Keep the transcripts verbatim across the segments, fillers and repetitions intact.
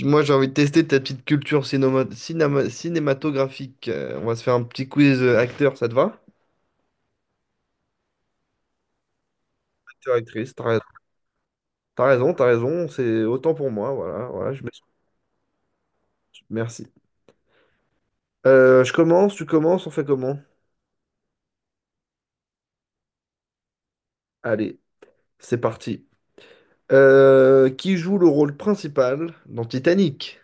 Moi, j'ai envie de tester ta petite culture cinéma- cinéma- cinématographique. Euh, on va se faire un petit quiz euh, acteur, ça te va? Acteur, actrice, t'as raison, t'as raison, t'as raison, c'est autant pour moi, voilà, voilà, je me... Merci. Euh, je commence, tu commences, on fait comment? Allez, c'est parti. Euh, qui joue le rôle principal dans Titanic?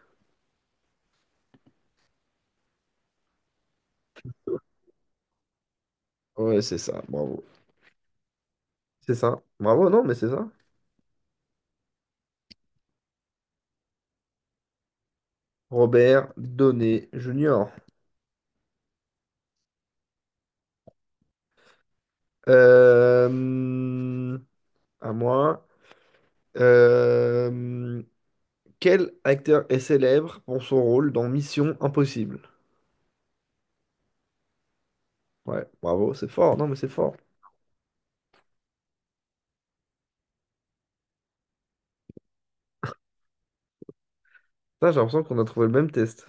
Ouais, c'est ça, bravo. C'est ça, bravo, non, mais c'est ça. Robert Downey junior Euh, à moi. Euh, Quel acteur est célèbre pour son rôle dans Mission Impossible? Ouais, bravo, c'est fort. Non, mais c'est fort. Putain, j'ai l'impression qu'on a trouvé le même test.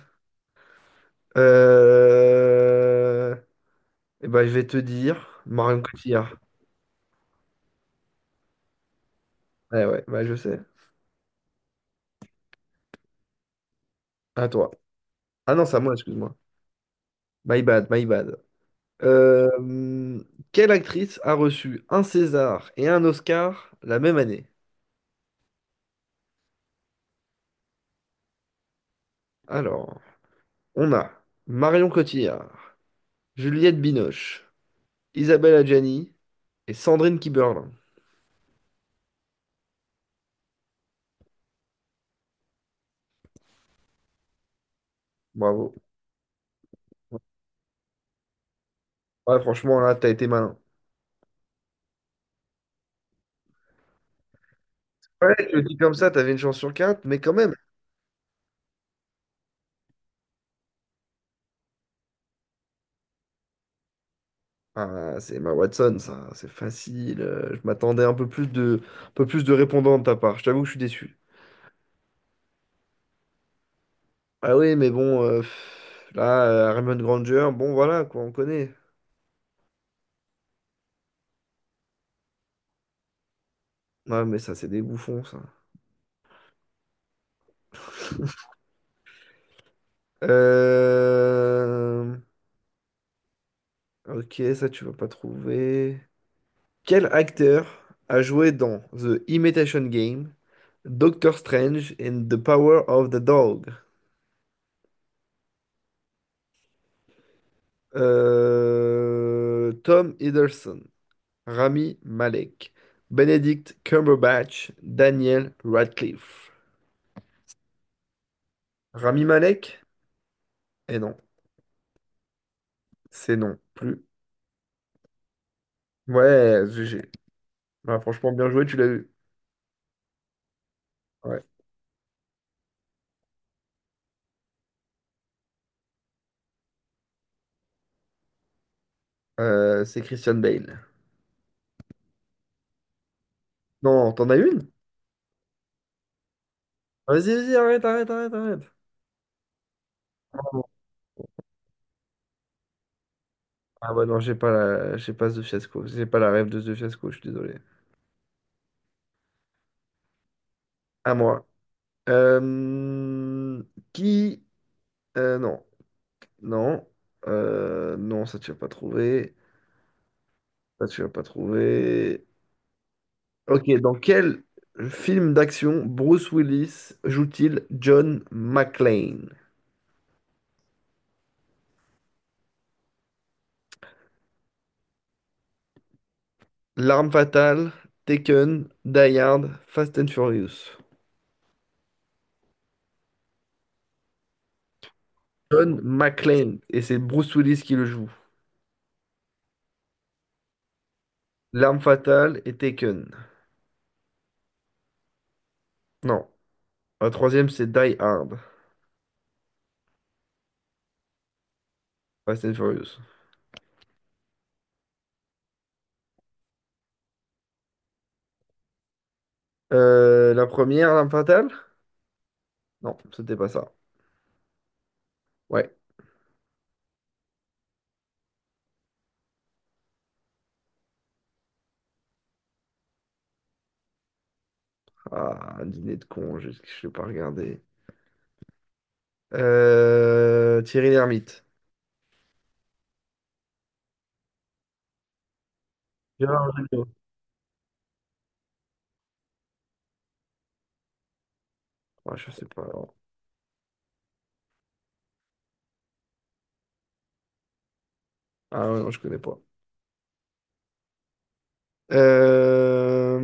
Euh... Eh ben, je vais te dire Marion Cotillard. Ouais, ouais, bah, je sais. À toi. Ah non, c'est à moi, excuse-moi. My bad, my bad. Euh, hum, Quelle actrice a reçu un César et un Oscar la même année? Alors, on a Marion Cotillard, Juliette Binoche, Isabelle Adjani et Sandrine Kiberlin. Bravo. Ouais, franchement, là, t'as été malin. Ouais, je le dis comme ça, t'avais une chance sur quatre, mais quand même. Ah, c'est ma Watson, ça, c'est facile. euh, Je m'attendais un peu plus de, un peu plus de répondants de ta part. Je t'avoue que je suis déçu. Ah oui, mais bon, euh, pff, là, euh, Herman Granger, bon, voilà, quoi, on connaît. Non, mais ça, c'est des bouffons, ça. Euh... Ok, ça, tu vas pas trouver. Quel acteur a joué dans The Imitation Game, Doctor Strange and the Power of the Dog? Euh, Tom Hiddleston, Rami Malek, Benedict Cumberbatch, Daniel Radcliffe. Rami Malek? Eh non, c'est non plus. Ouais, G G. Ouais, franchement, bien joué, tu l'as eu. Ouais. Euh, c'est Christian Bale. Non, t'en as une? Ah, vas-y, vas-y, arrête, arrête, arrête, arrête. Pardon. Ah ouais, non, j'ai pas la... j'ai pas ce Fiasco. J'ai pas la rêve de ce Fiasco, je suis désolé. À moi. Euh, Qui... euh, non. Non. Euh, non, ça tu vas pas trouver. Ça tu vas pas trouver. Ok, dans quel film d'action Bruce Willis joue-t-il John McClane? L'arme fatale, Taken, Die Hard, Fast and Furious. John McClane, et c'est Bruce Willis qui le joue. L'arme fatale et Taken. Non. La troisième, c'est Die Hard, Fast and Furious. Euh, la première, l'arme fatale? Non, c'était pas ça. Ouais. Ah, un dîner de con, je je l'ai pas regardé. Euh, Thierry Lhermitte. Gérard Jugnot. Ouais, je sais pas, alors. Ah ouais, non, je connais pas. Euh,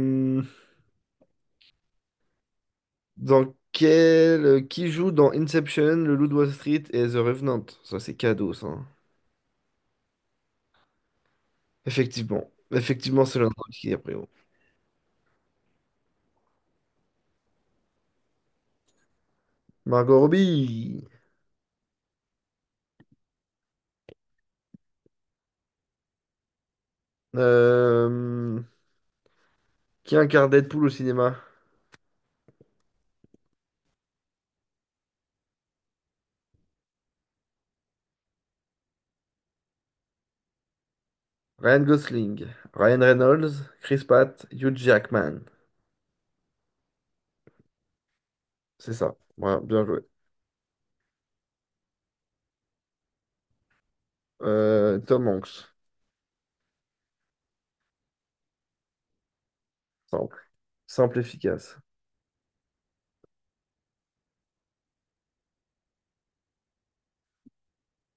dans quel... Qui joue dans Inception, Le Loup de Wall Street et The Revenant? Ça, c'est cadeau, ça. Effectivement. Effectivement, c'est l'un qui est pris. Margot Robbie. Euh, Qui incarne Deadpool au cinéma? Ryan Gosling, Ryan Reynolds, Chris Pratt, Hugh Jackman. C'est ça. Voilà, bien joué. Euh, Tom Hanks. Simple. Simple, efficace.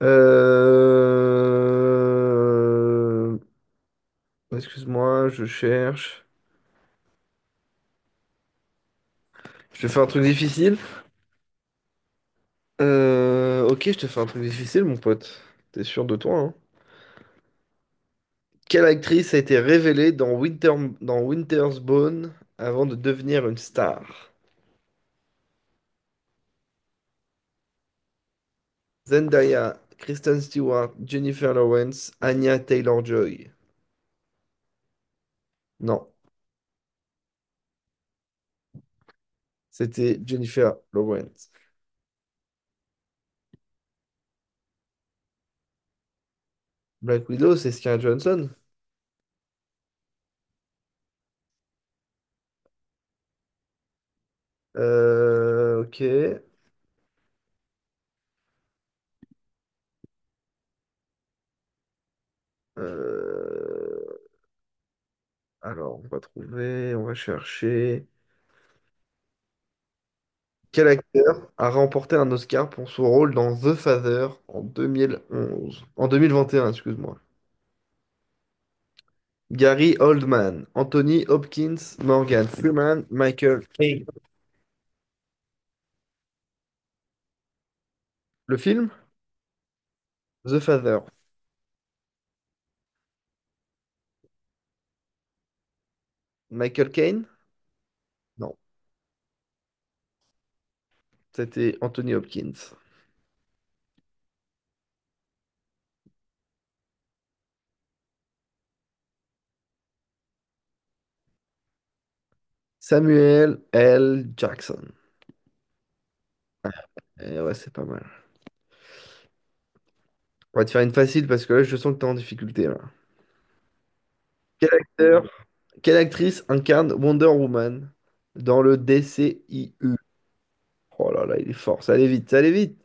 Euh, Excuse-moi, je cherche. Je te fais un truc difficile. Euh, Ok, je te fais un truc difficile, mon pote. T'es sûr de toi, hein? Quelle actrice a été révélée dans Winter... dans Winter's Bone avant de devenir une star? Zendaya, Kristen Stewart, Jennifer Lawrence, Anya Taylor-Joy. Non, c'était Jennifer Lawrence. Black Widow, c'est Scarlett Johansson. Euh, ok. Euh, Alors, on va trouver, on va chercher. Quel acteur a remporté un Oscar pour son rôle dans The Father en deux mille onze, En deux mille vingt et un, excuse-moi. Gary Oldman, Anthony Hopkins, Morgan Freeman, Michael Caine. Le film? The Father. Michael Caine? Non, c'était Anthony Hopkins. Samuel L. Jackson. Eh ouais, c'est pas mal. On va te faire une facile parce que là, je sens que t'es en difficulté, là. Quel acteur Quelle actrice incarne Wonder Woman dans le D C I U? Oh là là, il est fort. Ça allait vite, ça allait vite.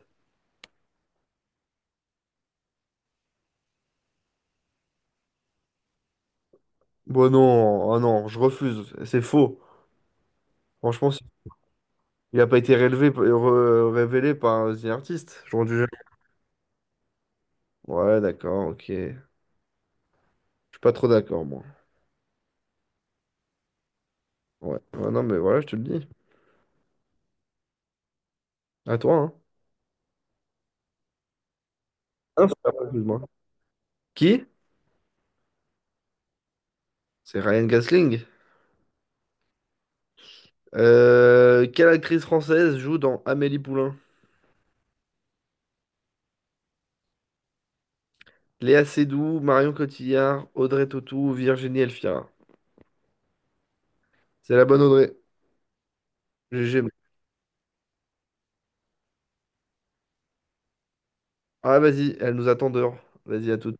Bon non, ah non, je refuse. C'est faux. Franchement, c'est- il n'a pas été rélevé, re- révélé par un The Artist. J'aurais dû... Ouais, d'accord, ok. Je suis pas trop d'accord, moi. Ouais. Ouais, non, mais voilà, je te le dis. À toi, hein. Ah, c'est pas possible, moi. Qui? C'est Ryan Gosling. Euh, quelle actrice française joue dans Amélie Poulain? Léa Seydoux, Marion Cotillard, Audrey Tautou, Virginie Elfira. C'est la bonne Audrey. G G. Ah, vas-y, elle nous attend dehors. Vas-y, à toute.